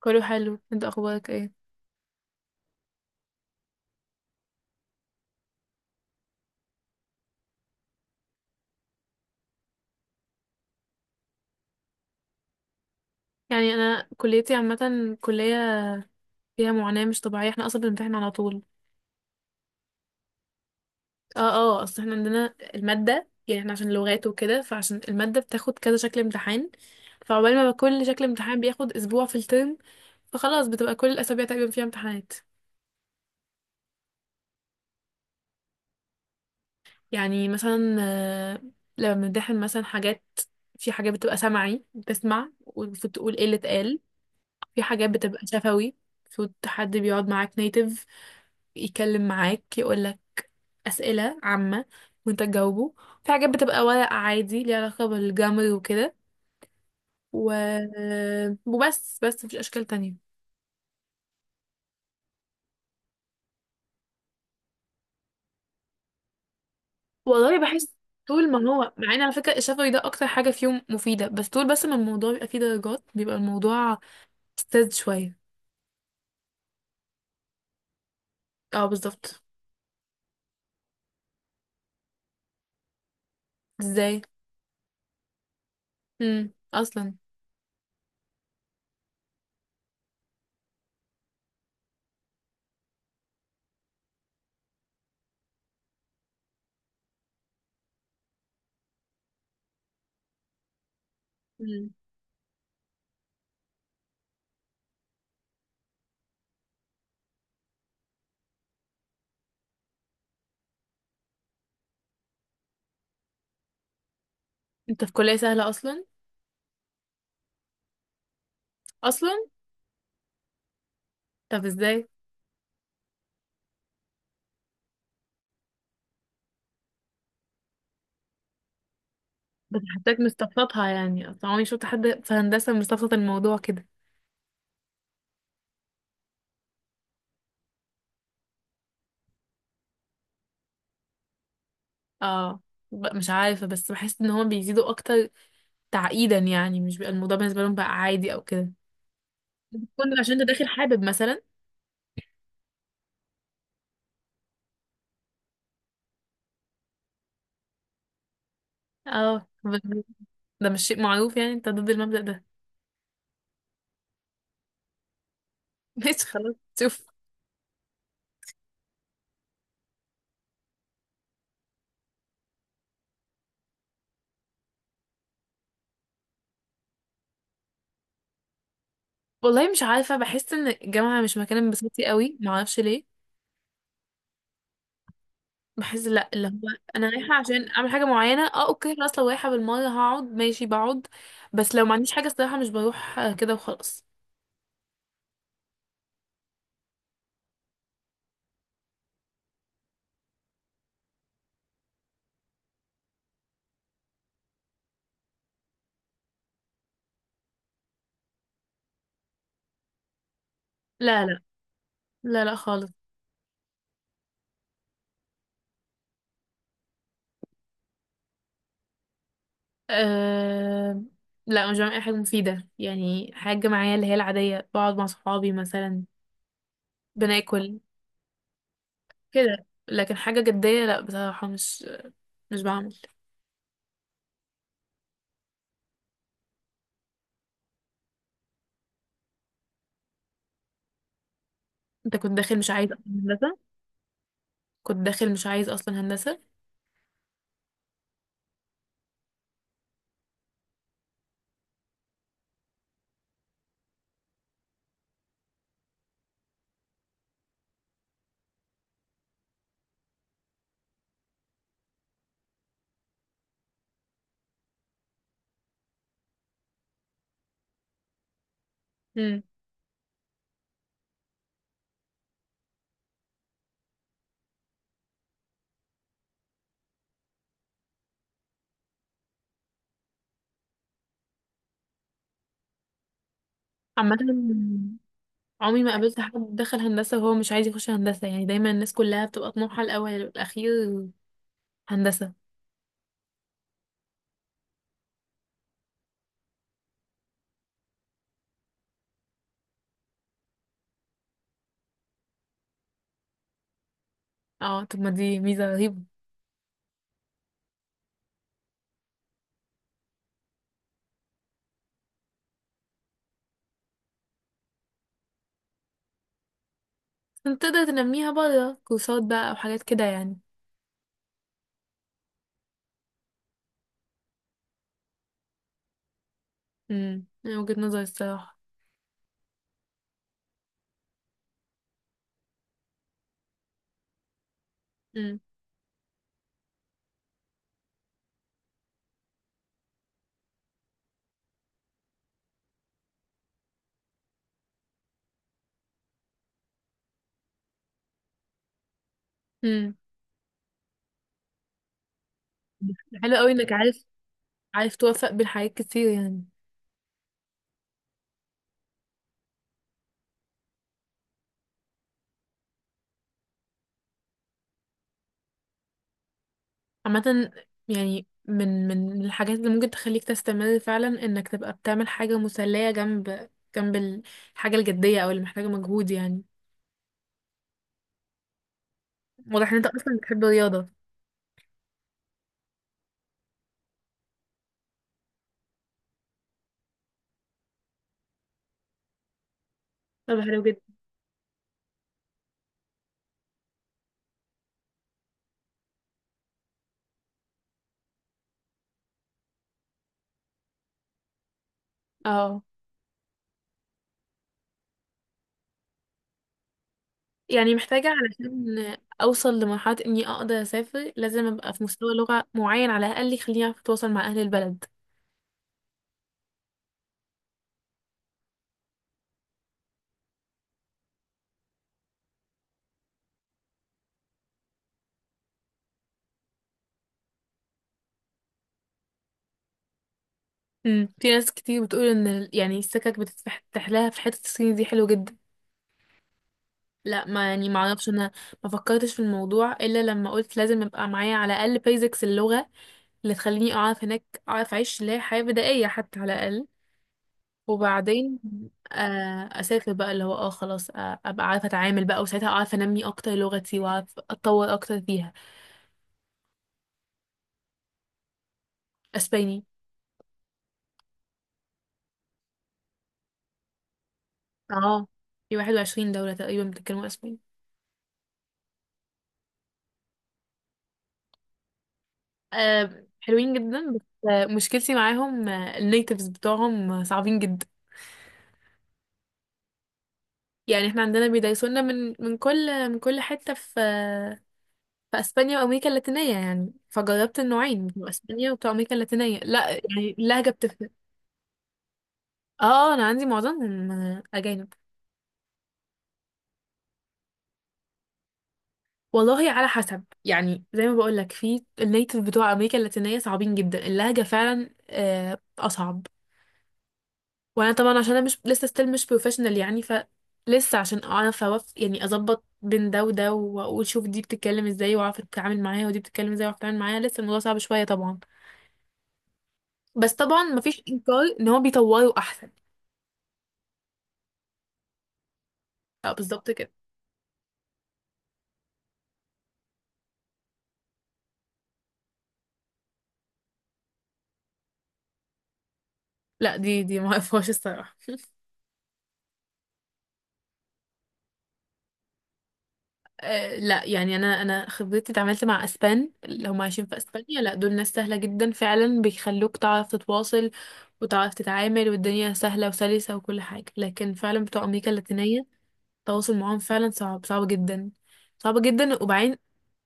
كله حلو. انت اخبارك ايه؟ يعني انا كليتي عامه، كليه فيها معاناه مش طبيعيه، احنا اصلا بنمتحن على طول. اه اصل احنا عندنا الماده، يعني احنا عشان لغات وكده، فعشان الماده بتاخد كذا شكل امتحان، فعقبال ما كل شكل امتحان بياخد اسبوع في الترم، فخلاص بتبقى كل الاسابيع تقريبا فيها امتحانات. يعني مثلا لما بنمتحن مثلا حاجات، في حاجات بتبقى سمعي، بتسمع وتقول ايه اللي اتقال، في حاجات بتبقى شفوي، المفروض حد بيقعد معاك نيتيف يتكلم معاك، يقولك أسئلة عامة وانت تجاوبه، في حاجات بتبقى ورق عادي ليها علاقة بالجمر وكده، و... وبس مفيش أشكال تانية. والله بحس طول ما هو، مع ان على فكرة الشفوي ده أكتر حاجة فيهم مفيدة، بس طول ما الموضوع بيبقى فيه درجات، بيبقى الموضوع مستفز شوية. اه بالظبط. ازاي؟ امم، أصلا؟ مم. انت في كلية سهلة أصلا؟ أصلا؟ طب ازاي؟ بس حسيتك مستفلطها، يعني اصلا عمري شفت حد في هندسة مستفلط الموضوع كده. اه مش عارفة، بس بحس ان هما بيزيدوا اكتر تعقيدا، يعني مش بيبقى الموضوع بالنسبة لهم بقى عادي او كده. كنت عشان انت داخل حابب مثلا. اه ب- ده مش شيء معروف، يعني انت ضد المبدأ ده. ماشي، خلاص، شوف. والله مش عارفة، بحس ان الجامعة مش مكان انبساطي قوي، معرفش ليه. بحس لا، اللي هو انا رايحة عشان اعمل حاجة معينة، اه اوكي خلاص، لو رايحة بالمرة هقعد، ماشي بقعد، بس لو ما عنديش حاجة الصراحة مش بروح كده وخلاص. لا لا. لا لا خالص. أه... لا مش بعمل اي حاجه مفيده، يعني حاجه معايا اللي هي العاديه، بقعد مع صحابي مثلا، بناكل كده، لكن حاجه جديه لا بصراحه، مش بعمل. انت كنت داخل مش عايز اصلا هندسه. كنت داخل مش عايز اصلا هندسه. امم. عامه عمري ما قابلت حد دخل هندسه وهو مش عايز يخش هندسه، يعني دايما الناس كلها بتبقى طموحها الاول والاخير هندسه. اه طب ما دي ميزه رهيبه. انت تقدر تنميها بره كورسات بقى او حاجات كده يعني. امم، من وجهة نظري الصراحة. امم. امم. حلو قوي انك عارف توفق بين حاجات كتير يعني. عامة يعني من الحاجات اللي ممكن تخليك تستمر فعلا، انك تبقى بتعمل حاجة مسلية جنب جنب ال- الحاجة الجدية او اللي محتاجة مجهود يعني. واضح ان انت اصلا بتحب الرياضة. طب حلو جدا. اه، يعني محتاجة علشان اوصل لمرحلة اني اقدر اسافر لازم ابقى في مستوى لغة معين على الاقل يخليني اعرف اتواصل مع اهل البلد. امم، في ناس كتير بتقول ان يعني السكك بتتفتح لها في حتة الصيني دي، حلو جدا. لا ما يعني ما اعرفش انا. ما فكرتش في الموضوع الا لما قلت لازم يبقى معايا على الاقل بيزكس اللغة اللي تخليني اعرف هناك، اعرف اعيش اللي هي حياة بدائية حتى على الاقل، وبعدين اسافر بقى، اللي هو اه خلاص، ابقى عارفة اتعامل بقى، وساعتها اعرف انمي اكتر لغتي، واعرف اتطور اكتر فيها. اسباني. اه، في 21 دولة تقريبا بيتكلموا اسباني. حلوين جدا بس مشكلتي معاهم النيتيفز بتوعهم صعبين جدا. يعني احنا عندنا بيدايسونا من كل حتة في في اسبانيا وامريكا اللاتينية، يعني فجربت النوعين، بتوع اسبانيا وبتوع امريكا اللاتينية، لا يعني اللهجة بتفرق. اه انا عندي معظمهم اجانب. والله على حسب، يعني زي ما بقول لك في النيتيف بتوع امريكا اللاتينية صعبين جدا، اللهجة فعلا اصعب. وانا طبعا عشان انا مش لسه ستيل مش بروفيشنال يعني، ف لسه عشان اعرف اوف، يعني اظبط بين ده وده واقول شوف دي بتتكلم ازاي واعرف اتعامل معاها ودي بتتكلم ازاي واعرف اتعامل معاها، لسه الموضوع صعب شويه طبعا. بس طبعا مفيش انكار ان هو بيطوروا احسن. اه بالظبط كده. لا دي ما اعرفهاش الصراحه. آه لا يعني، انا خبرتي اتعاملت مع اسبان اللي هم عايشين في اسبانيا، لا دول ناس سهله جدا فعلا، بيخلوك تعرف تتواصل وتعرف تتعامل، والدنيا سهله وسلسه وكل حاجه، لكن فعلا بتوع امريكا اللاتينيه التواصل معاهم فعلا صعب، صعب جدا، صعب جدا، وبعدين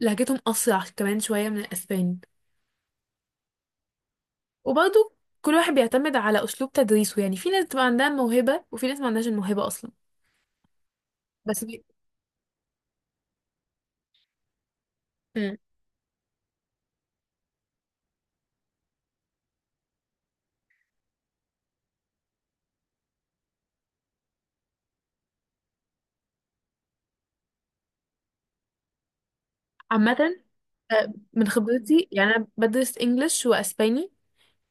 لهجتهم أسرع كمان شوية من الأسباني. وبرضه كل واحد بيعتمد على أسلوب تدريسه، يعني في ناس بتبقى عندها الموهبة، وفي ناس ما عندهاش الموهبة أصلا. بس بي... مم. عامة من خبرتي، يعني أنا بدرس إنجلش وأسباني،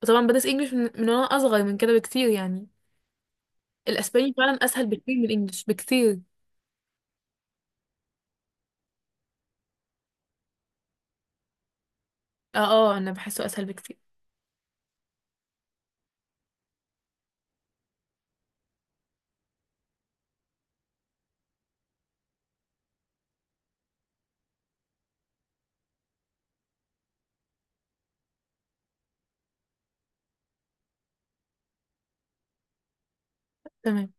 وطبعا بدرس إنجلش من وأنا أصغر من كده بكتير يعني، الأسباني فعلا أسهل بكتير من الإنجلش بكتير. اه اه أنا بحسه أسهل بكتير. تمام.